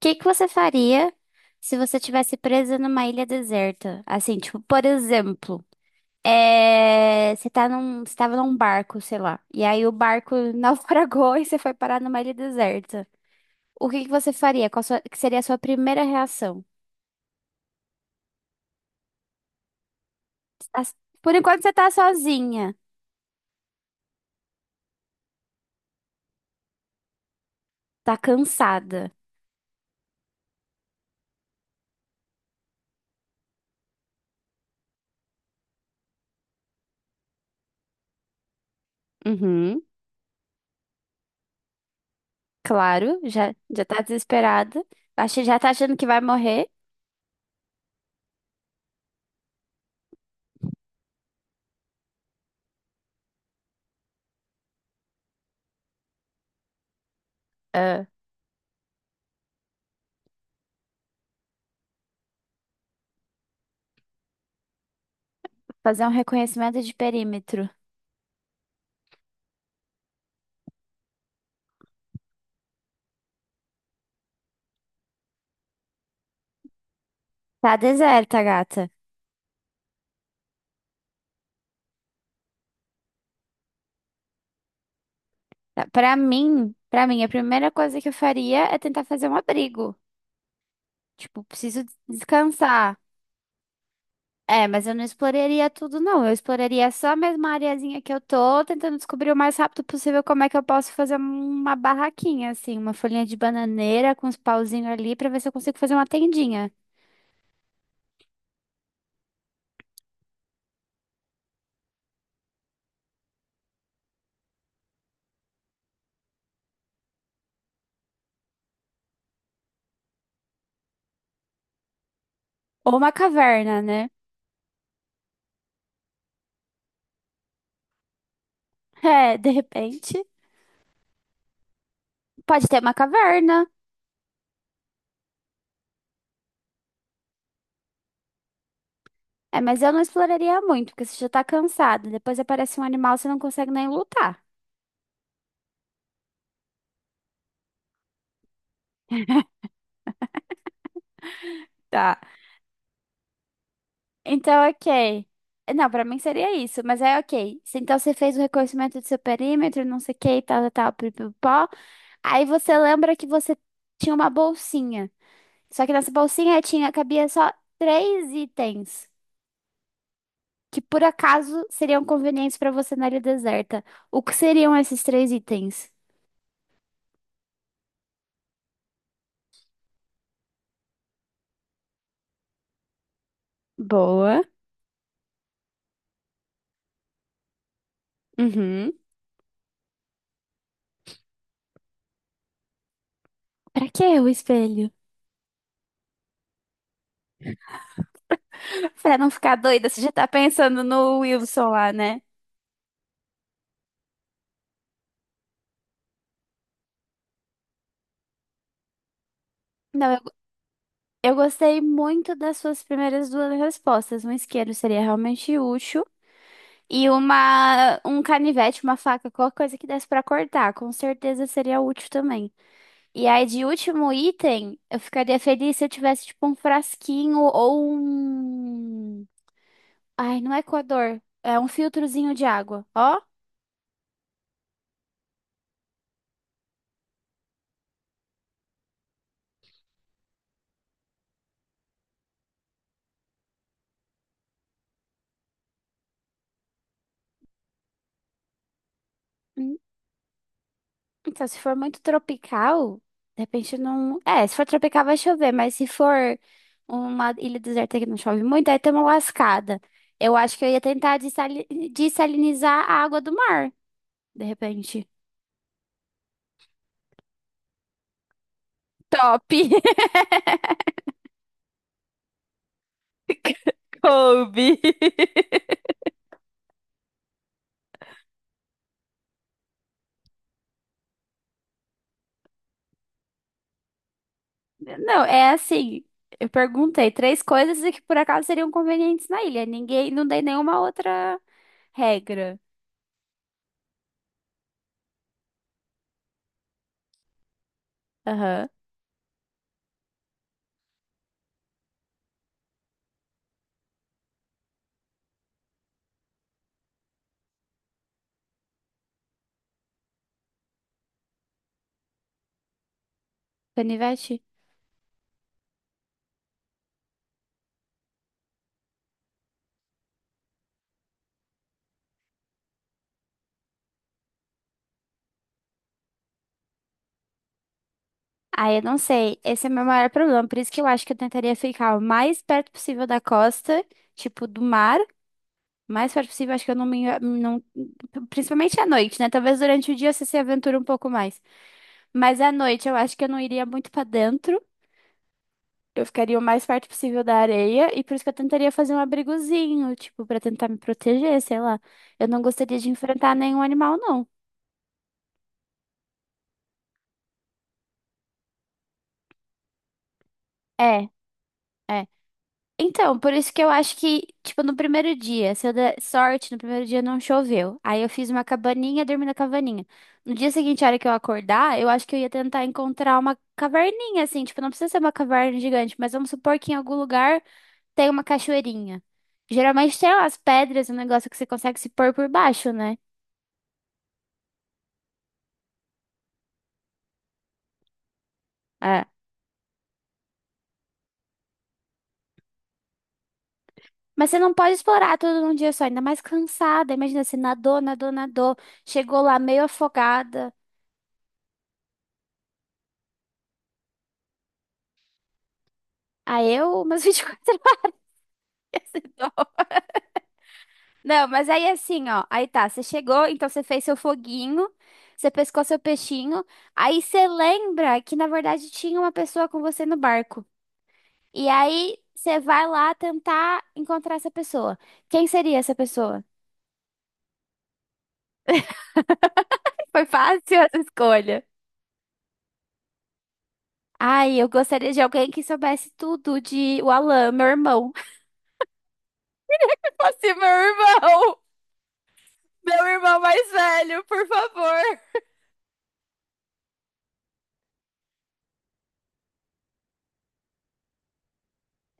Que você faria se você tivesse presa numa ilha deserta? Assim, tipo, por exemplo, é, você tava num barco, sei lá, e aí o barco naufragou e você foi parar numa ilha deserta. O que que você faria? Qual sua- que seria a sua primeira reação? Você tá- Por enquanto você tá sozinha, tá cansada. Uhum, claro, já tá desesperada. Acha- Já tá achando que vai morrer. Ah, fazer um reconhecimento de perímetro. Tá deserta, gata. Para mim, a primeira coisa que eu faria é tentar fazer um abrigo. Tipo, preciso descansar. É, mas eu não exploraria tudo, não. Eu exploraria só mesmo a mesma areazinha que eu tô, tentando descobrir o mais rápido possível como é que eu posso fazer uma barraquinha, assim, uma folhinha de bananeira com uns pauzinhos ali pra ver se eu consigo fazer uma tendinha. Ou uma caverna, né? É, de repente. Pode ter uma caverna. É, mas eu não exploraria muito, porque você já tá cansado. Depois aparece um animal, você não consegue nem lutar. Então, ok. Não, pra mim seria isso, mas é ok. Se- Então você fez o reconhecimento do seu perímetro, não sei o que, tal, tal, tal, pipipó. Aí você lembra que você tinha uma bolsinha. Só que nessa bolsinha tinha, cabia só três itens que por acaso seriam convenientes pra você na área deserta. O que seriam esses três itens? Boa. Uhum. Pra que o espelho? Pra não ficar doida, você já tá pensando no Wilson lá, né? Não, eu gostei muito das suas primeiras duas respostas. Um isqueiro seria realmente útil e uma um canivete, uma faca, qualquer coisa que desse pra cortar, com certeza seria útil também. E aí de último item, eu ficaria feliz se eu tivesse tipo um frasquinho ou um ai, não é coador, é um filtrozinho de água, ó. Então, se for muito tropical, de repente não. É, se for tropical vai chover, mas se for uma ilha deserta que não chove muito, aí tem uma lascada. Eu acho que eu ia tentar dessali- dessalinizar a água do mar, de repente. Top! Kobe. Não, é assim. Eu perguntei três coisas e que por acaso seriam convenientes na ilha. Ninguém, não dei nenhuma outra regra. Aham. Canivete? Ah, eu não sei. Esse é o meu maior problema. Por isso que eu acho que eu tentaria ficar o mais perto possível da costa, tipo, do mar. O mais perto possível, acho que eu não me. Não, principalmente à noite, né? Talvez durante o dia você se aventura um pouco mais. Mas à noite eu acho que eu não iria muito pra dentro. Eu ficaria o mais perto possível da areia. E por isso que eu tentaria fazer um abrigozinho, tipo, pra tentar me proteger, sei lá. Eu não gostaria de enfrentar nenhum animal, não. É, é. Então, por isso que eu acho que, tipo, no primeiro dia, se eu der sorte, no primeiro dia não choveu. Aí eu fiz uma cabaninha, dormi na cabaninha. No dia seguinte, a hora que eu acordar, eu acho que eu ia tentar encontrar uma caverninha, assim, tipo, não precisa ser uma caverna gigante, mas vamos supor que em algum lugar tem uma cachoeirinha. Geralmente tem umas pedras, um negócio que você consegue se pôr por baixo, né? É. Mas você não pode explorar tudo num dia só, ainda mais cansada. Imagina, nadou, chegou lá meio afogada. Umas 24 horas. Não, mas aí assim, ó. Aí tá, você chegou, então você fez seu foguinho, você pescou seu peixinho. Aí você lembra que na verdade tinha uma pessoa com você no barco. E aí você vai lá tentar encontrar essa pessoa. Quem seria essa pessoa? Foi fácil essa escolha. Ai, eu gostaria de alguém que soubesse tudo de o Alan, meu irmão. Fosse meu irmão! Meu irmão mais velho, por favor!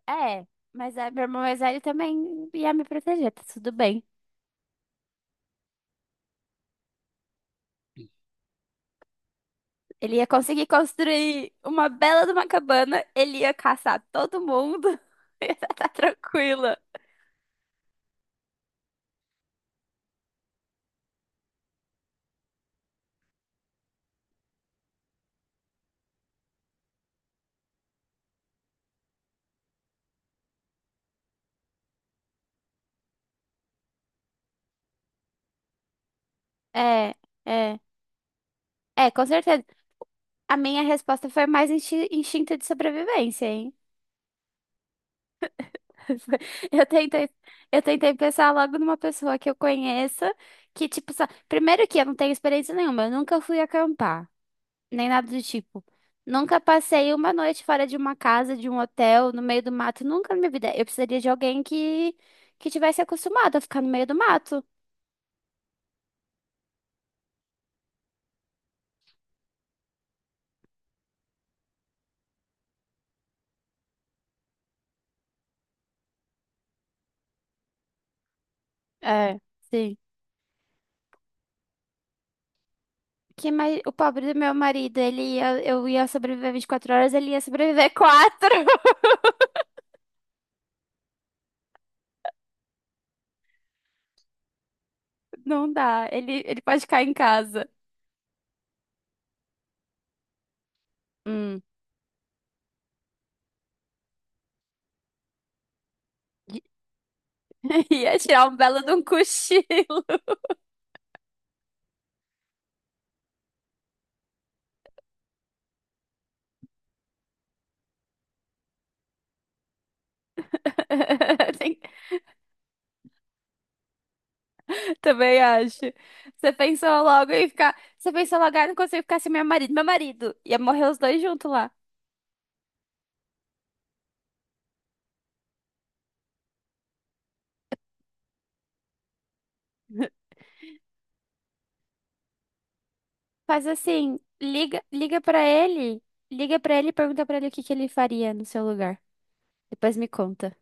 É, mas é, meu irmão mais velho também ia me proteger, tá tudo bem. Ele ia conseguir construir uma bela de uma cabana, ele ia caçar todo mundo, e ia tá tranquila. É, é, é, com certeza. A minha resposta foi mais insti- instinto de sobrevivência, hein? Eu tentei, eu tentei pensar logo numa pessoa que eu conheça, que tipo, só... primeiro que eu não tenho experiência nenhuma, eu nunca fui acampar, nem nada do tipo. Nunca passei uma noite fora de uma casa, de um hotel, no meio do mato, nunca na minha vida. Eu precisaria de alguém que tivesse acostumado a ficar no meio do mato. É, sim. Que mais... O pobre do meu marido, ele ia... eu ia sobreviver 24 horas, ele ia sobreviver quatro. Não dá, ele pode ficar em casa. Hum. Ia tirar um belo de um cochilo. Tem também acho. Você pensou logo em ficar. Você pensou logo, ah, não consigo ficar sem meu marido. Meu marido. Ia morrer os dois juntos lá. Faz assim, liga para ele. Liga pra ele e pergunta pra ele o que que ele faria no seu lugar. Depois me conta.